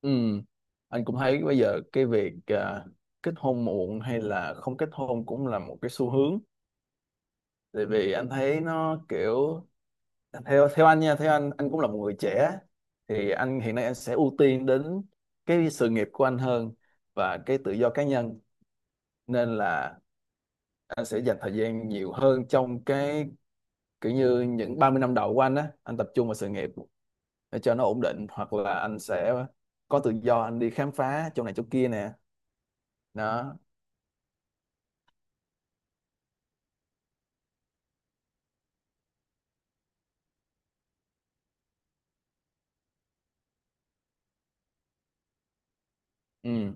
Ừ, anh cũng thấy bây giờ cái việc kết hôn muộn hay là không kết hôn cũng là một cái xu hướng. Tại vì anh thấy nó kiểu, theo theo anh nha, theo anh cũng là một người trẻ, thì anh hiện nay anh sẽ ưu tiên đến cái sự nghiệp của anh hơn và cái tự do cá nhân, nên là anh sẽ dành thời gian nhiều hơn trong cái, kiểu như những 30 năm đầu của anh á, anh tập trung vào sự nghiệp để cho nó ổn định, hoặc là anh sẽ có tự do, anh đi khám phá chỗ này chỗ kia nè. Đó. Ừ.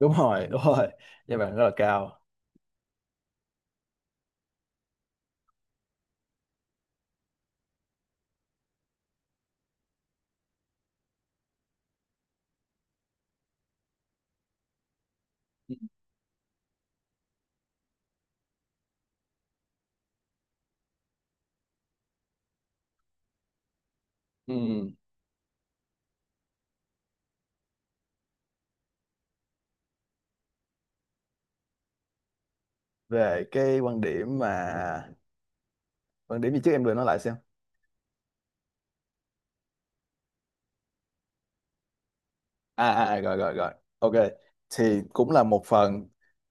Đúng rồi, đúng rồi, giá vàng rất là cao. Ừ. Về cái quan điểm mà, quan điểm gì trước? Em vừa nói lại xem. Rồi, rồi, rồi. OK. Thì cũng là một phần,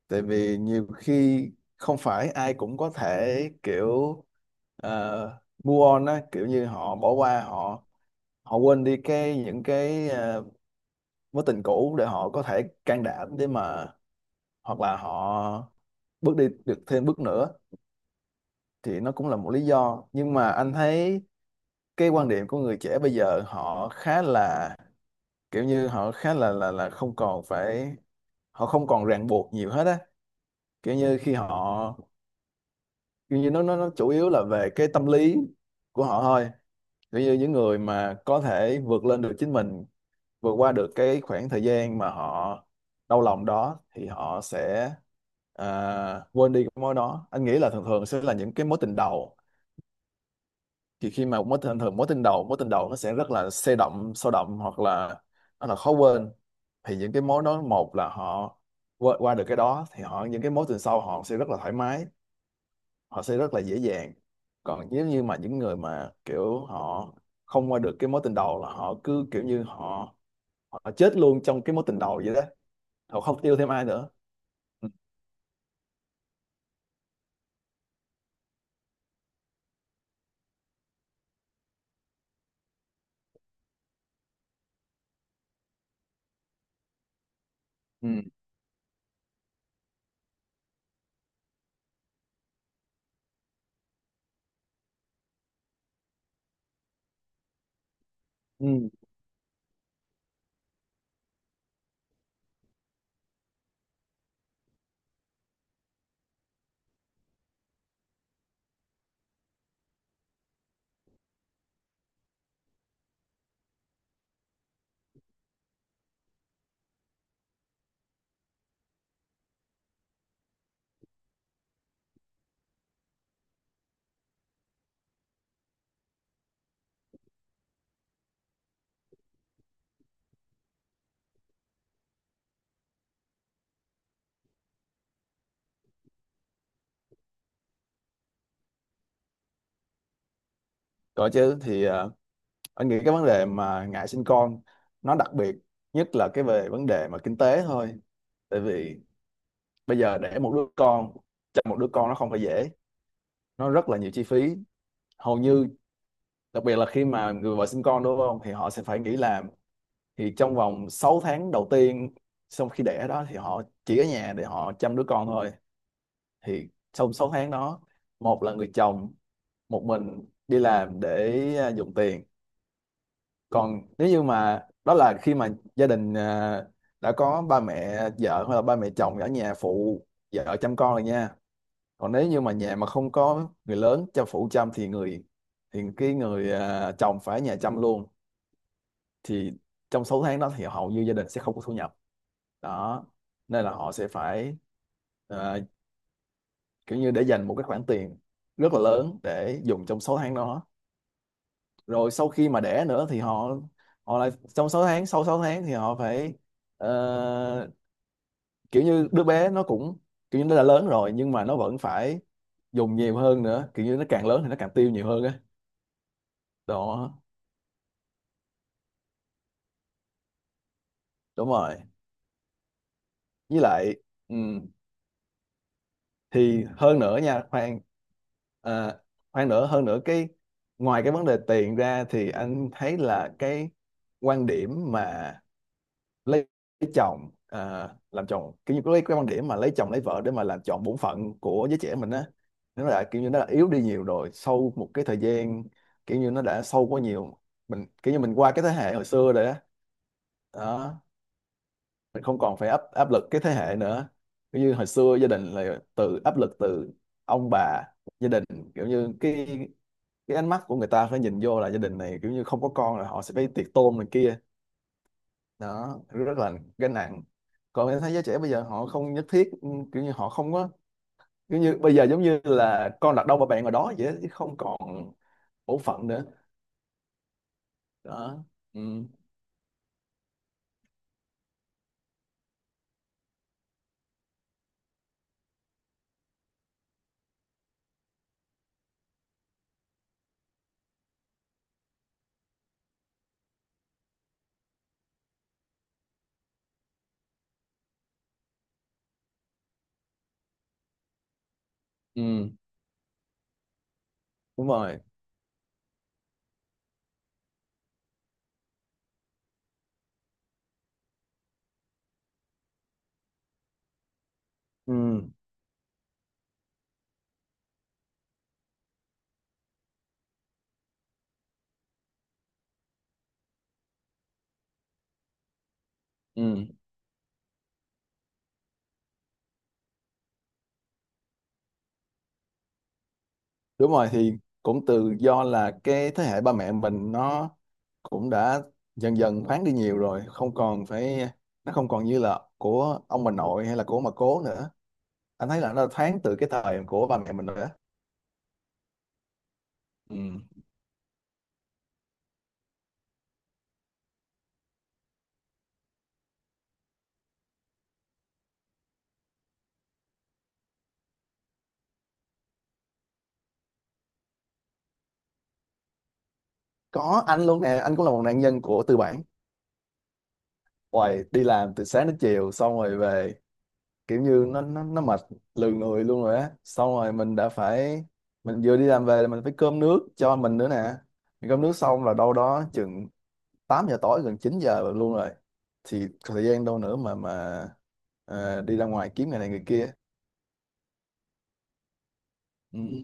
tại vì nhiều khi không phải ai cũng có thể, kiểu, move on á, kiểu như họ bỏ qua, họ họ quên đi cái, những cái mối tình cũ, để họ có thể can đảm để mà, hoặc là họ bước đi được thêm bước nữa, thì nó cũng là một lý do, nhưng mà anh thấy cái quan điểm của người trẻ bây giờ, họ khá là, kiểu như họ khá là không còn phải, họ không còn ràng buộc nhiều hết á, kiểu như khi họ, kiểu như nó chủ yếu là về cái tâm lý của họ thôi, kiểu như những người mà có thể vượt lên được chính mình, vượt qua được cái khoảng thời gian mà họ đau lòng đó, thì họ sẽ quên đi cái mối đó. Anh nghĩ là thường thường sẽ là những cái mối tình đầu, thì khi mà mối tình thường mối tình đầu nó sẽ rất là sôi động, sôi động, hoặc là nó là khó quên, thì những cái mối đó, một là họ qua được cái đó thì họ, những cái mối tình sau họ sẽ rất là thoải mái, họ sẽ rất là dễ dàng, còn nếu như mà những người mà kiểu họ không qua được cái mối tình đầu, là họ cứ kiểu như họ họ chết luôn trong cái mối tình đầu vậy đó, họ không yêu thêm ai nữa. Ừ. Ừ. Ừ. Còn chứ thì, anh nghĩ cái vấn đề mà ngại sinh con, nó đặc biệt, nhất là cái về vấn đề mà kinh tế thôi, tại vì bây giờ đẻ một đứa con, chăm một đứa con nó không phải dễ, nó rất là nhiều chi phí, hầu như, đặc biệt là khi mà người vợ sinh con đúng không, thì họ sẽ phải nghỉ làm. Thì trong vòng 6 tháng đầu tiên sau khi đẻ đó, thì họ chỉ ở nhà để họ chăm đứa con thôi. Thì trong 6 tháng đó, một là người chồng một mình đi làm để, dùng tiền, còn nếu như mà đó, là khi mà gia đình đã có ba mẹ vợ hoặc là ba mẹ chồng ở nhà phụ vợ chăm con rồi nha, còn nếu như mà nhà mà không có người lớn cho phụ chăm, thì cái người, chồng phải ở nhà chăm luôn. Thì trong 6 tháng đó thì hầu như gia đình sẽ không có thu nhập. Đó nên là họ sẽ phải, à, kiểu như để dành một cái khoản tiền rất là lớn để dùng trong 6 tháng đó. Rồi sau khi mà đẻ nữa thì họ họ lại, trong 6 tháng sau 6 tháng thì họ phải, ờ, kiểu như đứa bé nó cũng kiểu như nó đã lớn rồi nhưng mà nó vẫn phải dùng nhiều hơn nữa, kiểu như nó càng lớn thì nó càng tiêu nhiều hơn á. Đó. Đúng rồi. Với lại, ừ, thì hơn nữa nha, khoan, à, khoan nữa, hơn nữa cái, ngoài cái vấn đề tiền ra, thì anh thấy là cái quan điểm mà lấy, lấy chồng, làm chồng, kiểu như cái quan điểm mà lấy chồng lấy vợ để mà làm chọn bổn phận của giới trẻ mình á, nó là kiểu như nó đã yếu đi nhiều rồi sau một cái thời gian, kiểu như nó đã sâu quá nhiều, mình kiểu như mình qua cái thế hệ hồi xưa rồi á. Đó. Mình không còn phải áp áp lực cái thế hệ nữa, kiểu như hồi xưa gia đình là từ áp lực, từ ông bà, gia đình, kiểu như cái ánh mắt của người ta phải nhìn vô là gia đình này, kiểu như không có con là họ sẽ phải tiệc tôn này kia. Đó rất là gánh nặng. Còn em thấy giới trẻ bây giờ họ không nhất thiết, kiểu như họ không có, kiểu như bây giờ giống như là con đặt đâu mà bạn ở đó vậy đó, chứ không còn bổn phận nữa. Đó. Ừ. Ừ. Đúng rồi. Ừ. Ừ. Đúng rồi, thì cũng từ do là cái thế hệ ba mẹ mình nó cũng đã dần dần thoáng đi nhiều rồi, không còn phải, nó không còn như là của ông bà nội hay là của ông bà cố nữa. Anh thấy là nó thoáng từ cái thời của ba mẹ mình rồi đó. Ừ. Có anh luôn nè, anh cũng là một nạn nhân của tư bản hoài, đi làm từ sáng đến chiều xong rồi về, kiểu như nó mệt lừ người luôn rồi á, xong rồi mình đã phải, mình vừa đi làm về là mình phải cơm nước cho mình nữa nè, cơm nước xong là đâu đó chừng 8 giờ tối gần 9 giờ luôn rồi, thì có thời gian đâu nữa mà đi ra ngoài kiếm người này người kia. Ừ.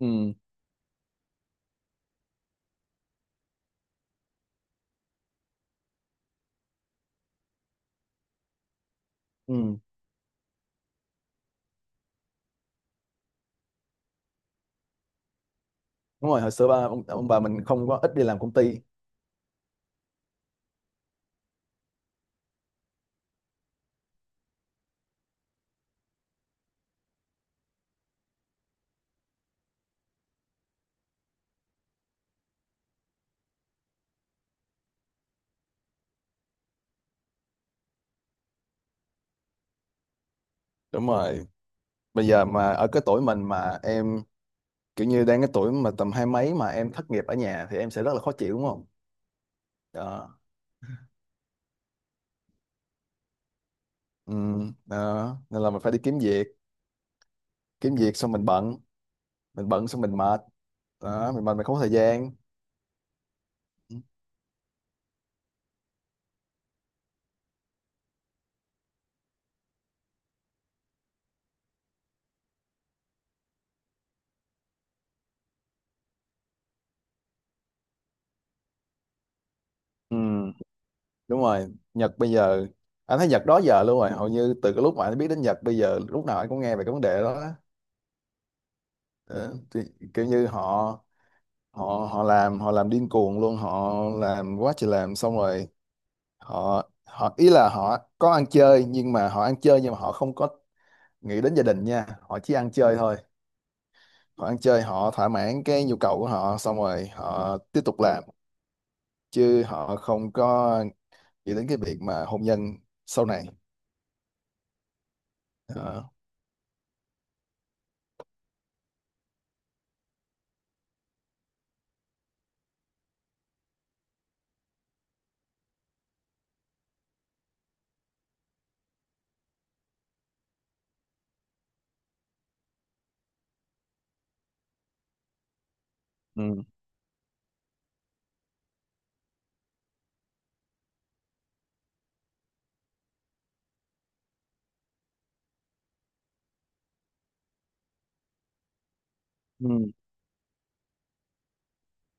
Ừ. Ừ. Đúng rồi, hồi xưa ông bà mình không có ít đi làm công ty. Đúng rồi, bây giờ mà ở cái tuổi mình mà em, kiểu như đang cái tuổi mà tầm hai mấy mà em thất nghiệp ở nhà thì em sẽ rất là khó chịu, đúng không? Đó. Ừ. Đó nên là mình phải đi kiếm việc, kiếm việc xong mình bận, mình bận xong mình mệt. Đó, mình mệt mình không có thời gian. Ừ. Đúng rồi, Nhật bây giờ, anh thấy Nhật đó giờ luôn rồi, hầu như từ cái lúc mà anh biết đến Nhật bây giờ lúc nào anh cũng nghe về cái vấn đề đó. Ờ, thì, kiểu như họ họ họ làm, họ làm điên cuồng luôn, họ làm quá trời làm xong rồi, họ họ ý là họ có ăn chơi, nhưng mà họ ăn chơi, nhưng mà họ không có nghĩ đến gia đình nha, họ chỉ ăn chơi thôi, họ ăn chơi họ thỏa mãn cái nhu cầu của họ xong rồi họ tiếp tục làm, chứ họ không có nghĩ đến cái việc mà hôn nhân sau này. Ờ. Ừ. Ừ.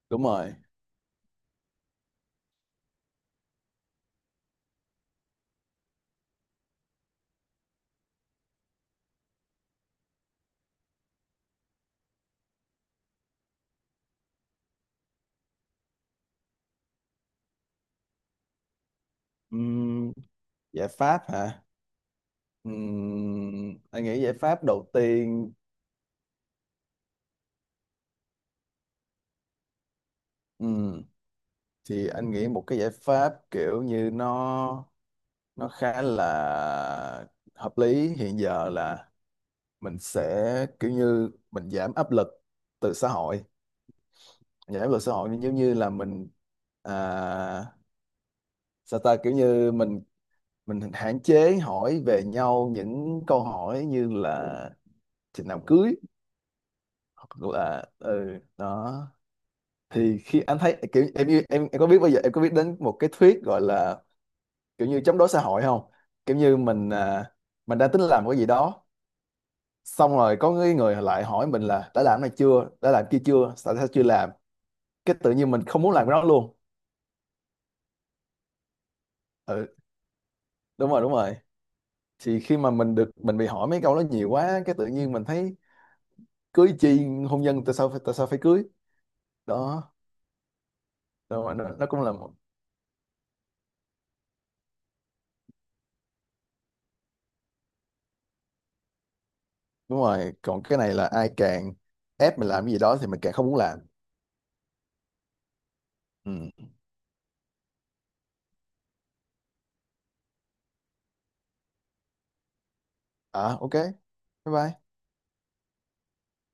Đúng rồi. Ừm, giải pháp hả? Anh nghĩ giải pháp đầu tiên, ừm, thì anh nghĩ một cái giải pháp kiểu như nó khá là hợp lý hiện giờ là mình sẽ kiểu như mình giảm áp lực từ xã hội, giảm áp lực xã hội, giống như là mình, à, sao ta, kiểu như mình hạn chế hỏi về nhau những câu hỏi như là chừng nào cưới, hoặc là ừ, đó. Thì khi anh thấy kiểu, em có biết bây giờ, em có biết đến một cái thuyết gọi là kiểu như chống đối xã hội không? Kiểu như mình, mình đang tính làm cái gì đó, xong rồi có người người lại hỏi mình là đã làm này chưa, đã làm kia chưa, tại sao chưa làm, cái tự nhiên mình không muốn làm cái đó luôn. Ừ. Đúng rồi, đúng rồi, thì khi mà mình được, mình bị hỏi mấy câu đó nhiều quá, cái tự nhiên mình thấy, cưới chi, hôn nhân, tại sao phải cưới? Đó. Đúng rồi, nó cũng là một. Đúng rồi, còn cái này là ai càng ép mình làm cái gì đó thì mình càng không muốn làm. Ừ. OK. Bye bye.